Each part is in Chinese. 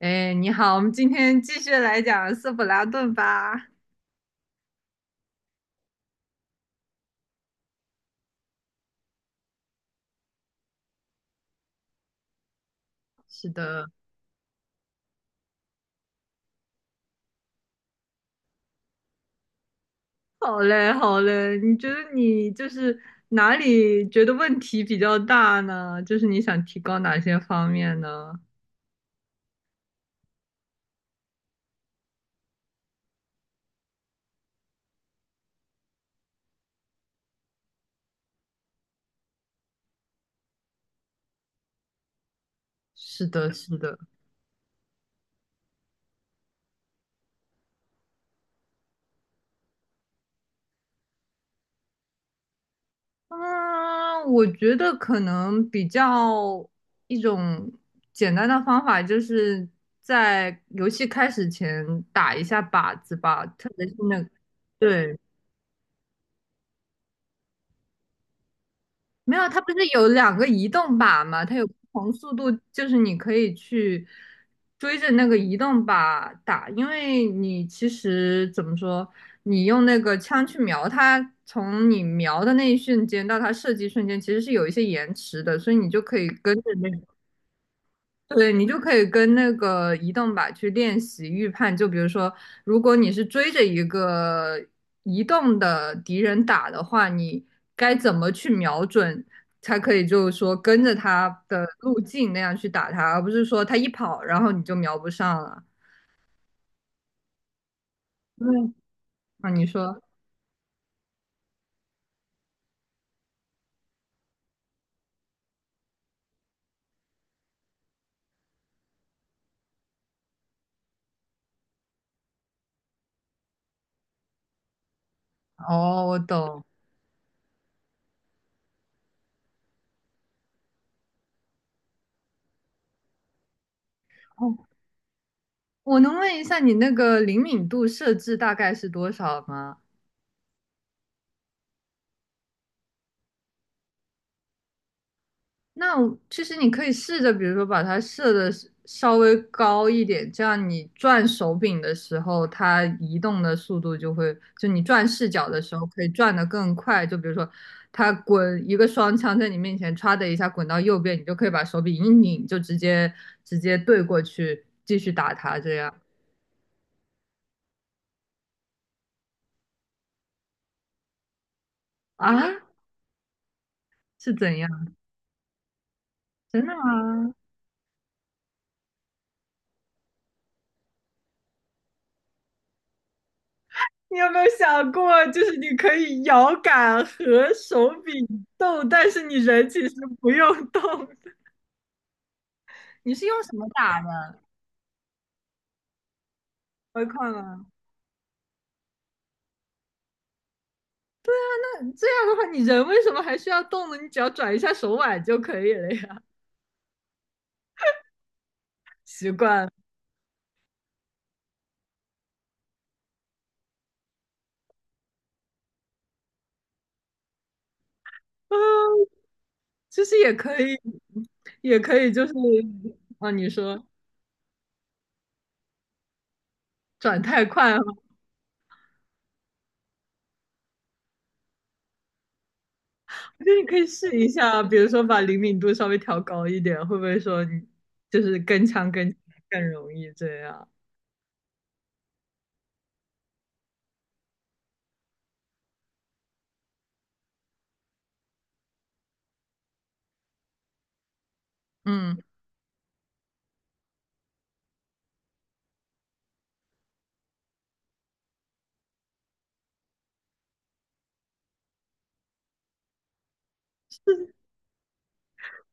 哎，你好，我们今天继续来讲斯普拉顿吧。是的，好嘞，好嘞。你觉得你就是哪里觉得问题比较大呢？就是你想提高哪些方面呢？是的，是的。嗯，我觉得可能比较一种简单的方法，就是在游戏开始前打一下靶子吧，特别是那个对。没有，它不是有两个移动靶吗？它有不同速度，就是你可以去追着那个移动靶打，因为你其实怎么说，你用那个枪去瞄它，从你瞄的那一瞬间到它射击瞬间，其实是有一些延迟的，所以你就可以跟着那对，你就可以跟那个移动靶去练习预判。就比如说，如果你是追着一个移动的敌人打的话，你该怎么去瞄准，才可以就是说跟着他的路径那样去打他，而不是说他一跑，然后你就瞄不上了。嗯，啊，你说，哦，我懂。哦，我能问一下你那个灵敏度设置大概是多少吗？那我其实你可以试着，比如说把它设的稍微高一点，这样你转手柄的时候，它移动的速度就会，就你转视角的时候可以转得更快。就比如说，它滚一个双枪在你面前，歘的一下滚到右边，你就可以把手柄一拧，就直接对过去继续打它。这样啊？是怎样？真的吗？你有没有想过，就是你可以摇杆和手柄动，但是你人其实不用动？你是用什么打的？回看啊，那这样的话，你人为什么还需要动呢？你只要转一下手腕就可以了呀。习惯了，啊，其实也可以，也可以，就是啊，你说转太快了，我觉得你可以试一下，比如说把灵敏度稍微调高一点，会不会说你就是跟枪跟枪更容易这样？嗯。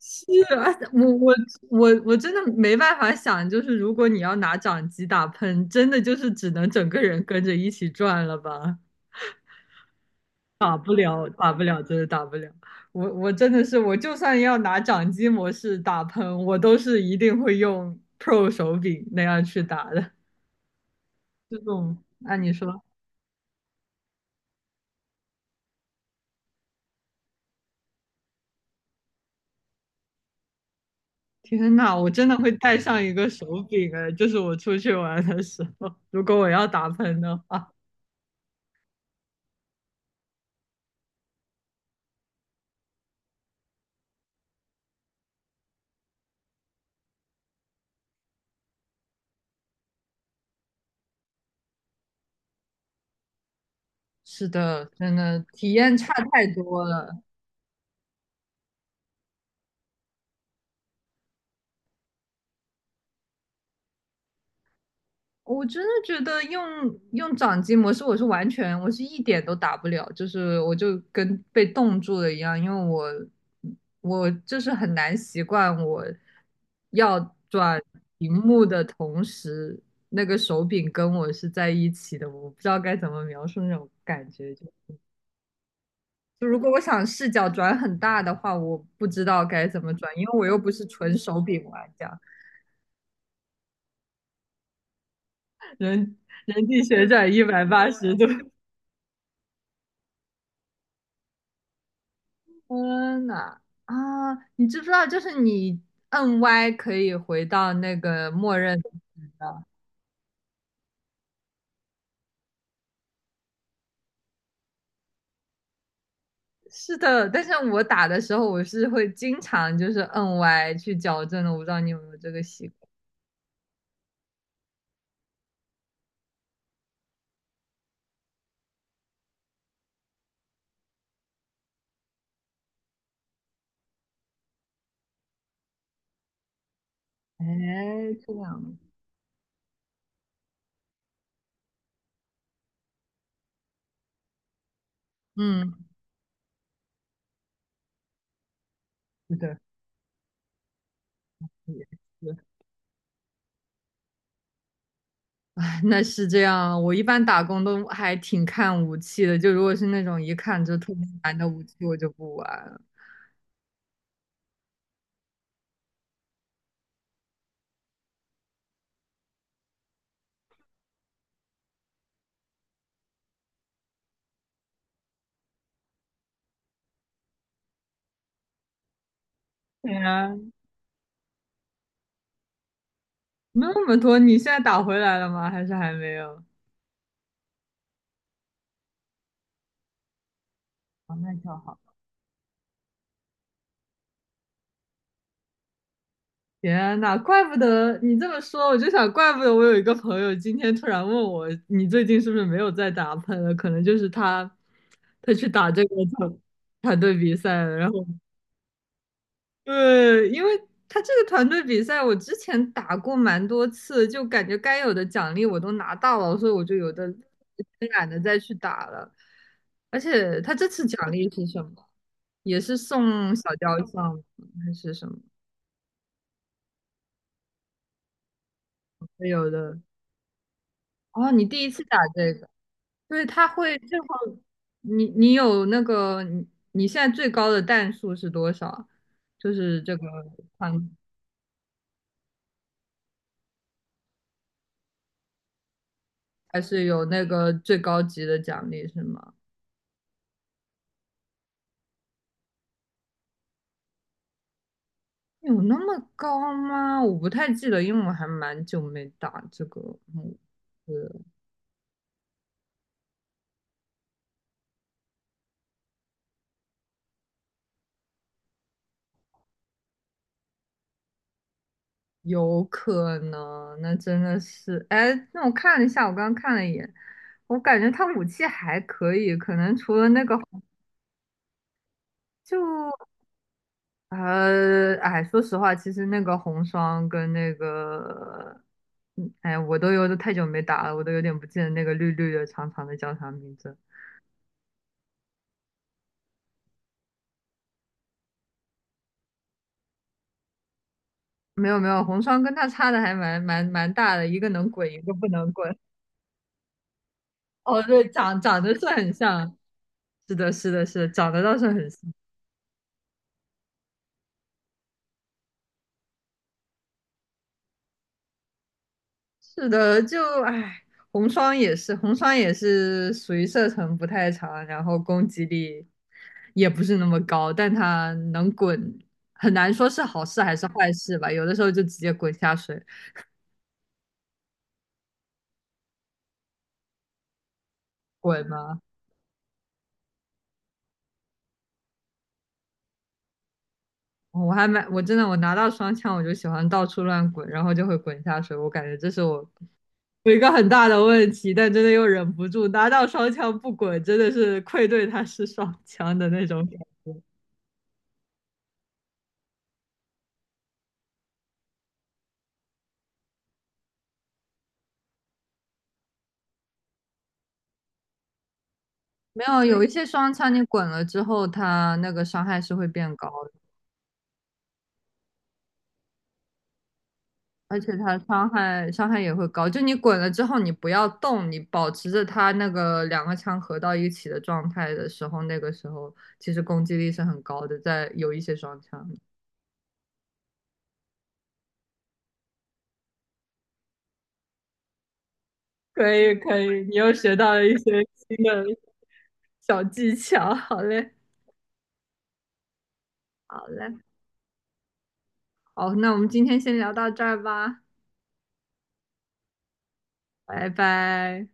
是啊，我真的没办法想，就是如果你要拿掌机打喷，真的就是只能整个人跟着一起转了吧？打不了，打不了，真的打不了。我我真的是，我就算要拿掌机模式打喷，我都是一定会用 Pro 手柄那样去打的。这种，按你说，天呐，我真的会带上一个手柄哎，就是我出去玩的时候，如果我要打喷的话。是的，真的体验差太多了。我真的觉得用掌机模式，我是完全，我是一点都打不了，就是我就跟被冻住了一样，因为我就是很难习惯我要转屏幕的同时，那个手柄跟我是在一起的，我不知道该怎么描述那种感觉。就就如果我想视角转很大的话，我不知道该怎么转，因为我又不是纯手柄玩家，人人体旋转180度。天呐，啊，你知不知道，就是你摁 Y 可以回到那个默认的。是的，但是我打的时候，我是会经常就是摁 Y 去矫正的。我不知道你有没有这个习惯？哎，这样的嗯，是的，也是，哎那是这样。我一般打工都还挺看武器的，就如果是那种一看就特别难的武器，我就不玩了。对啊，那么多，你现在打回来了吗？还是还没有？哦，那就好。天呐，怪不得你这么说，我就想，怪不得我有一个朋友今天突然问我，你最近是不是没有在打喷了？可能就是他，他去打这个团队比赛了。然后，对，因为他这个团队比赛，我之前打过蛮多次，就感觉该有的奖励我都拿到了，所以我就有的懒得再去打了。而且他这次奖励是什么？也是送小雕像吗还是什么？没有的。哦，你第一次打这个。对，他会正好，你你有那个你你现在最高的弹数是多少？就是这个团还是有那个最高级的奖励是吗？有那么高吗？我不太记得，因为我还蛮久没打这个模式，有可能，那真的是，哎，那我看了一下，我刚刚看了一眼，我感觉他武器还可以，可能除了那个就。呃，哎，说实话，其实那个红双跟那个，嗯，哎，我都有太久没打了，我都有点不记得那个绿绿的长长的叫啥名字。没有没有，红双跟他差的还蛮大的，一个能滚，一个不能滚。哦，对，长长得是很像，是的，是的，是的，长得倒是很像。是的，就唉，红双也是，红双也是属于射程不太长，然后攻击力也不是那么高，但他能滚，很难说是好事还是坏事吧。有的时候就直接滚下水，滚嘛。我还蛮，我真的我拿到双枪我就喜欢到处乱滚，然后就会滚下水。我感觉这是我有一个很大的问题，但真的又忍不住拿到双枪不滚，真的是愧对他是双枪的那种感觉。没有，有一些双枪你滚了之后，它那个伤害是会变高的，而且它伤害也会高。就你滚了之后，你不要动，你保持着它那个两个枪合到一起的状态的时候，那个时候其实攻击力是很高的，在有一些双枪。可以可以，你又学到了一些新的小技巧，好嘞。好嘞，好，那我们今天先聊到这儿吧，拜拜。